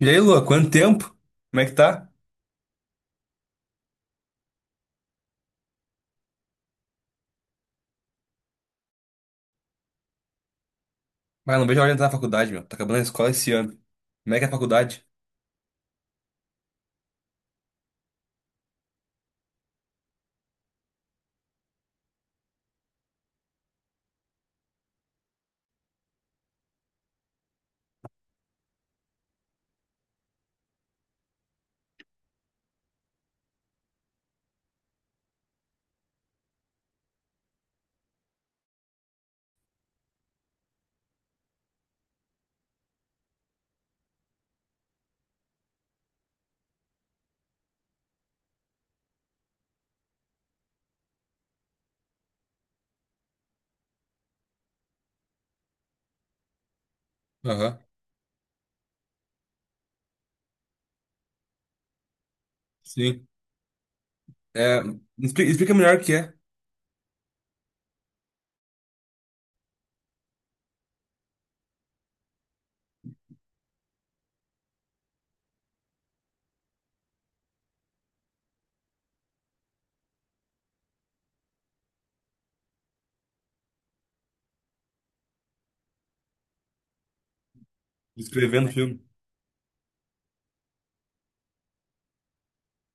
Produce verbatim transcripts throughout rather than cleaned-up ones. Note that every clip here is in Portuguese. E aí, Lua, quanto tempo? Como é que tá? Ah, não vejo a hora de entrar na faculdade, meu. Tá acabando a escola esse ano. Como é que é a faculdade? Aham, sim. É, expli- explica melhor o que é escrevendo filme.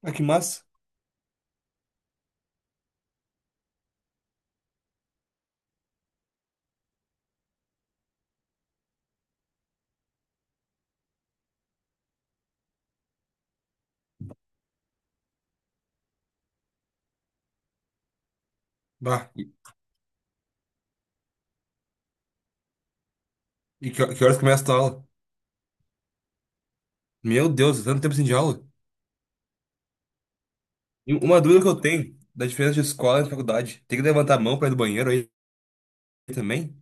Ah, que massa. Bah, E, e que, que horas começa a tua aula? Meu Deus, é tanto tempo sem de aula. E uma dúvida que eu tenho da diferença de escola e de faculdade. Tem que levantar a mão pra ir do banheiro aí também?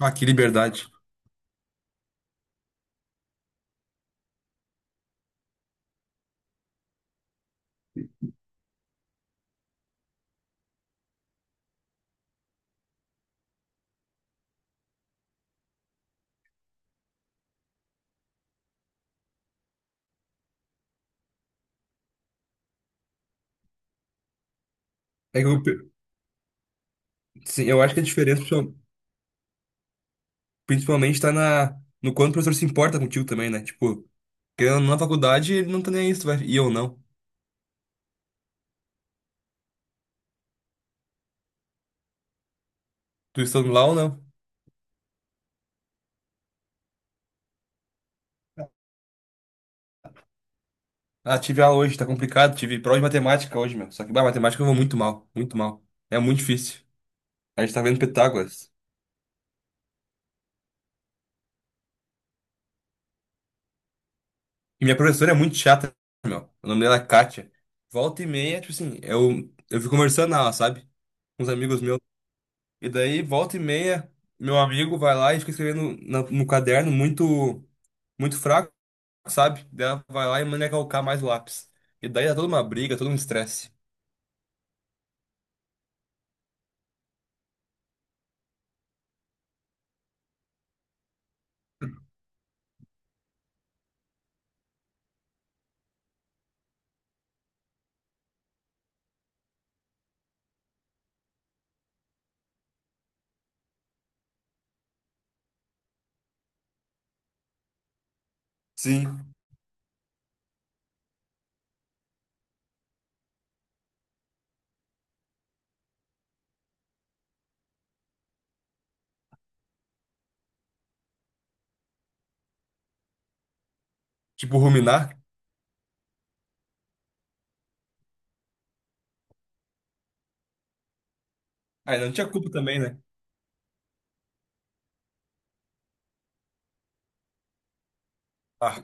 Ah, que liberdade. É que eu, pe- sim, eu acho que a diferença principal- principalmente tá na, no quanto o professor se importa contigo também, né? Tipo, querendo ou não, na faculdade, ele não tá nem aí, se tu vai e eu não. Tu estando lá ou não? Ah, tive aula hoje, tá complicado, tive prova de matemática hoje, meu. Só que, bah, matemática eu vou muito mal, muito mal. É muito difícil. A gente tá vendo Pitágoras. E minha professora é muito chata, meu. O nome dela é Kátia. Volta e meia, tipo assim, eu, eu fico conversando na aula, sabe? Com os amigos meus. E daí, volta e meia, meu amigo vai lá e fica escrevendo na- no caderno muito, muito fraco, sabe? Daí ela vai lá e manda calcar mais o lápis. E daí dá toda uma briga, todo um estresse. Sim. Tipo, ruminar. Ah, não tinha culpa também, né? Ah,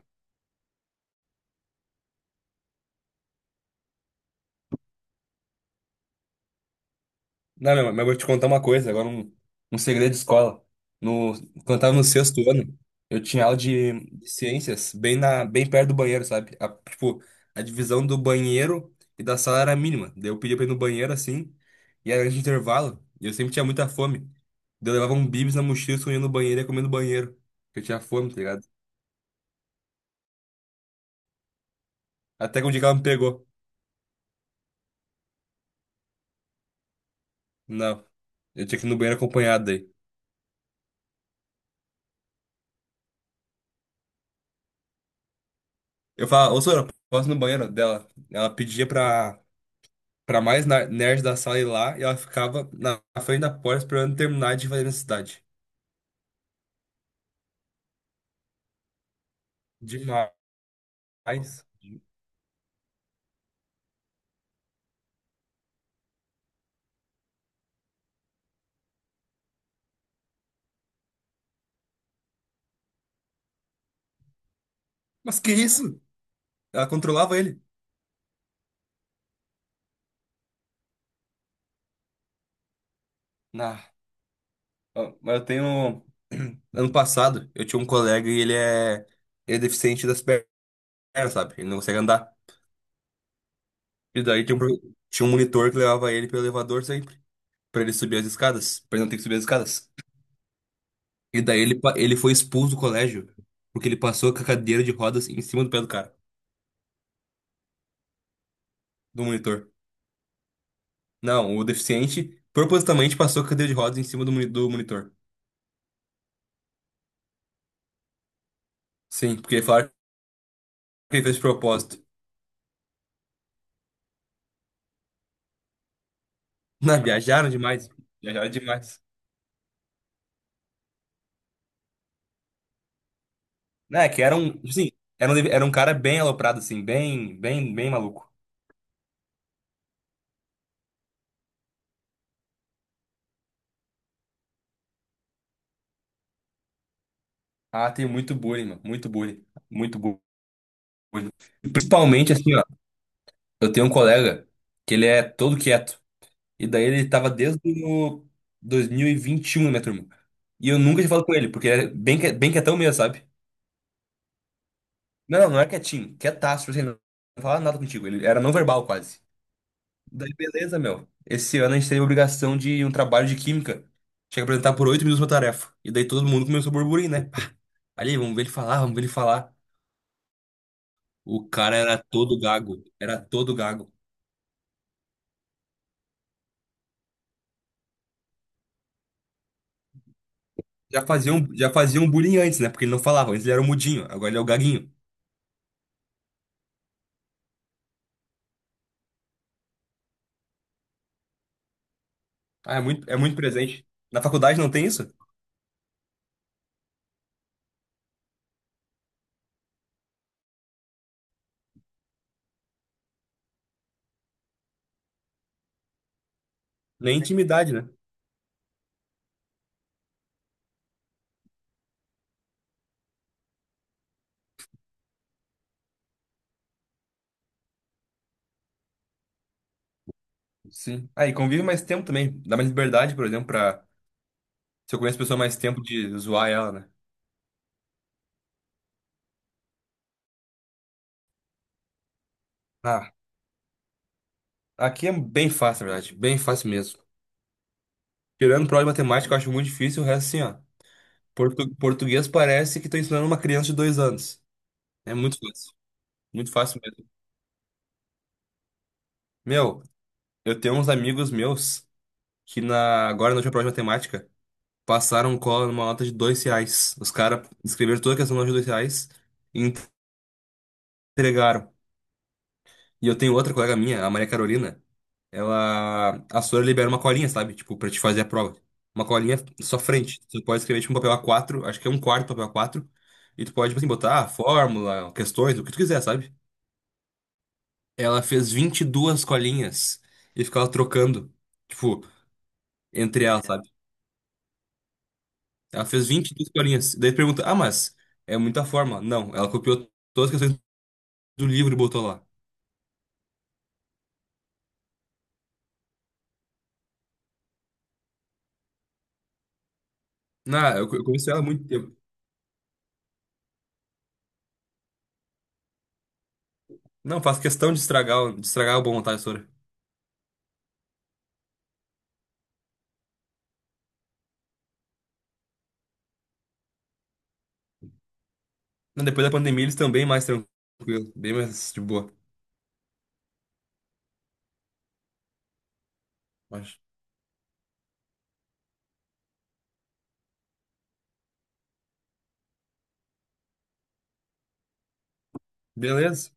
não, meu, mas eu vou te contar uma coisa, agora um, um segredo de escola. No, quando eu tava no sexto ano, eu tinha aula de, de ciências bem, na, bem perto do banheiro, sabe? A- tipo, a divisão do banheiro e da sala era mínima. Daí eu pedia pra ir no banheiro assim, e era de intervalo, e eu sempre tinha muita fome. Daí eu levava um bibis na mochila, escondia no banheiro e ia comer no banheiro. Porque eu tinha fome, tá ligado? Até que um dia que ela me pegou. Não, eu tinha que ir no banheiro acompanhado daí. Eu falava, ô Sora, posso ir no banheiro dela? Ela pedia pra, pra mais na- nerd da sala ir lá e ela ficava na frente da porta esperando terminar de fazer necessidade. Demais. Mas que isso? Ela controlava ele. Ah, ó, mas eu tenho. Ano passado, eu tinha um colega e ele é, ele é deficiente das pernas, sabe? Ele não consegue andar. E daí tinha um, pro- tinha um monitor que levava ele pelo elevador sempre, pra ele subir as escadas, pra ele não ter que subir as escadas. E daí ele, pa- ele foi expulso do colégio, porque ele passou com a cadeira de rodas em cima do pé do cara, do monitor. Não, o deficiente propositalmente passou com a cadeira de rodas em cima do, moni- do monitor. Sim, porque falaram que ele fez de propósito. Não, viajaram demais. Viajaram demais. Não, é que era um, tipo assim, era um, deve- era um cara bem aloprado, assim, bem, bem, bem maluco. Ah, tem muito bullying, mano, muito bullying, muito bu- bullying. E principalmente, assim, ó, eu tenho um colega que ele é todo quieto. E daí ele tava desde o 2021 na minha turma. E eu nunca tinha falado com ele, porque ele é bem, que- bem quietão mesmo, sabe? Não, não não é quietinho, quietaço, assim, não falava nada contigo. Ele era não verbal quase. Daí, beleza, meu. Esse ano a gente teve a obrigação de um trabalho de química. Tinha que apresentar por oito minutos uma tarefa. E daí todo mundo começou a burburinho, né? Ali, vamos ver ele falar, vamos ver ele falar. O cara era todo gago, era todo gago. Já fazia um, já fazia um bullying antes, né? Porque ele não falava, antes ele era o mudinho, agora ele é o gaguinho. Ah, é muito, é muito presente. Na faculdade não tem isso? Nem intimidade, né? Sim. Ah, e convive mais tempo também. Dá mais liberdade, por exemplo, pra. Se eu conheço a pessoa mais tempo de zoar ela, né? Ah, aqui é bem fácil, na verdade. Bem fácil mesmo. Tirando prova de matemática, eu acho muito difícil. O resto, assim, ó. Portu- português parece que tô ensinando uma criança de dois anos. É muito fácil. Muito fácil mesmo. Meu, eu tenho uns amigos meus que na, agora na última prova de matemática passaram cola numa nota de dois reais. Os caras escreveram toda a questão na nota de dois reais. Entregaram. E eu tenho outra colega minha, a Maria Carolina. Ela. A senhora libera uma colinha, sabe? Tipo, pra te fazer a prova. Uma colinha só frente. Tu pode escrever tipo um papel a quatro acho que é um quarto papel a quatro. E tu pode, tipo assim, botar ah, fórmula, questões, o que tu quiser, sabe? Ela fez vinte e duas colinhas e ficava trocando. Tipo, entre elas, sabe? Ela fez vinte e duas colinhas. Daí tu pergunta, ah, mas é muita fórmula. Não, ela copiou todas as questões do livro e botou lá. Não, eu, eu conheço ela há muito tempo. Não, faço questão de estragar, o- de estragar a boa vontade. Não, depois da pandemia eles estão bem mais tranquilos, bem mais de boa. Mas, beleza.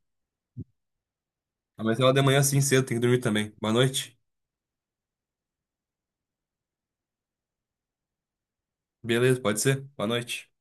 Amanhã de manhã assim cedo, tem que dormir também. Boa noite. Beleza, pode ser? Boa noite.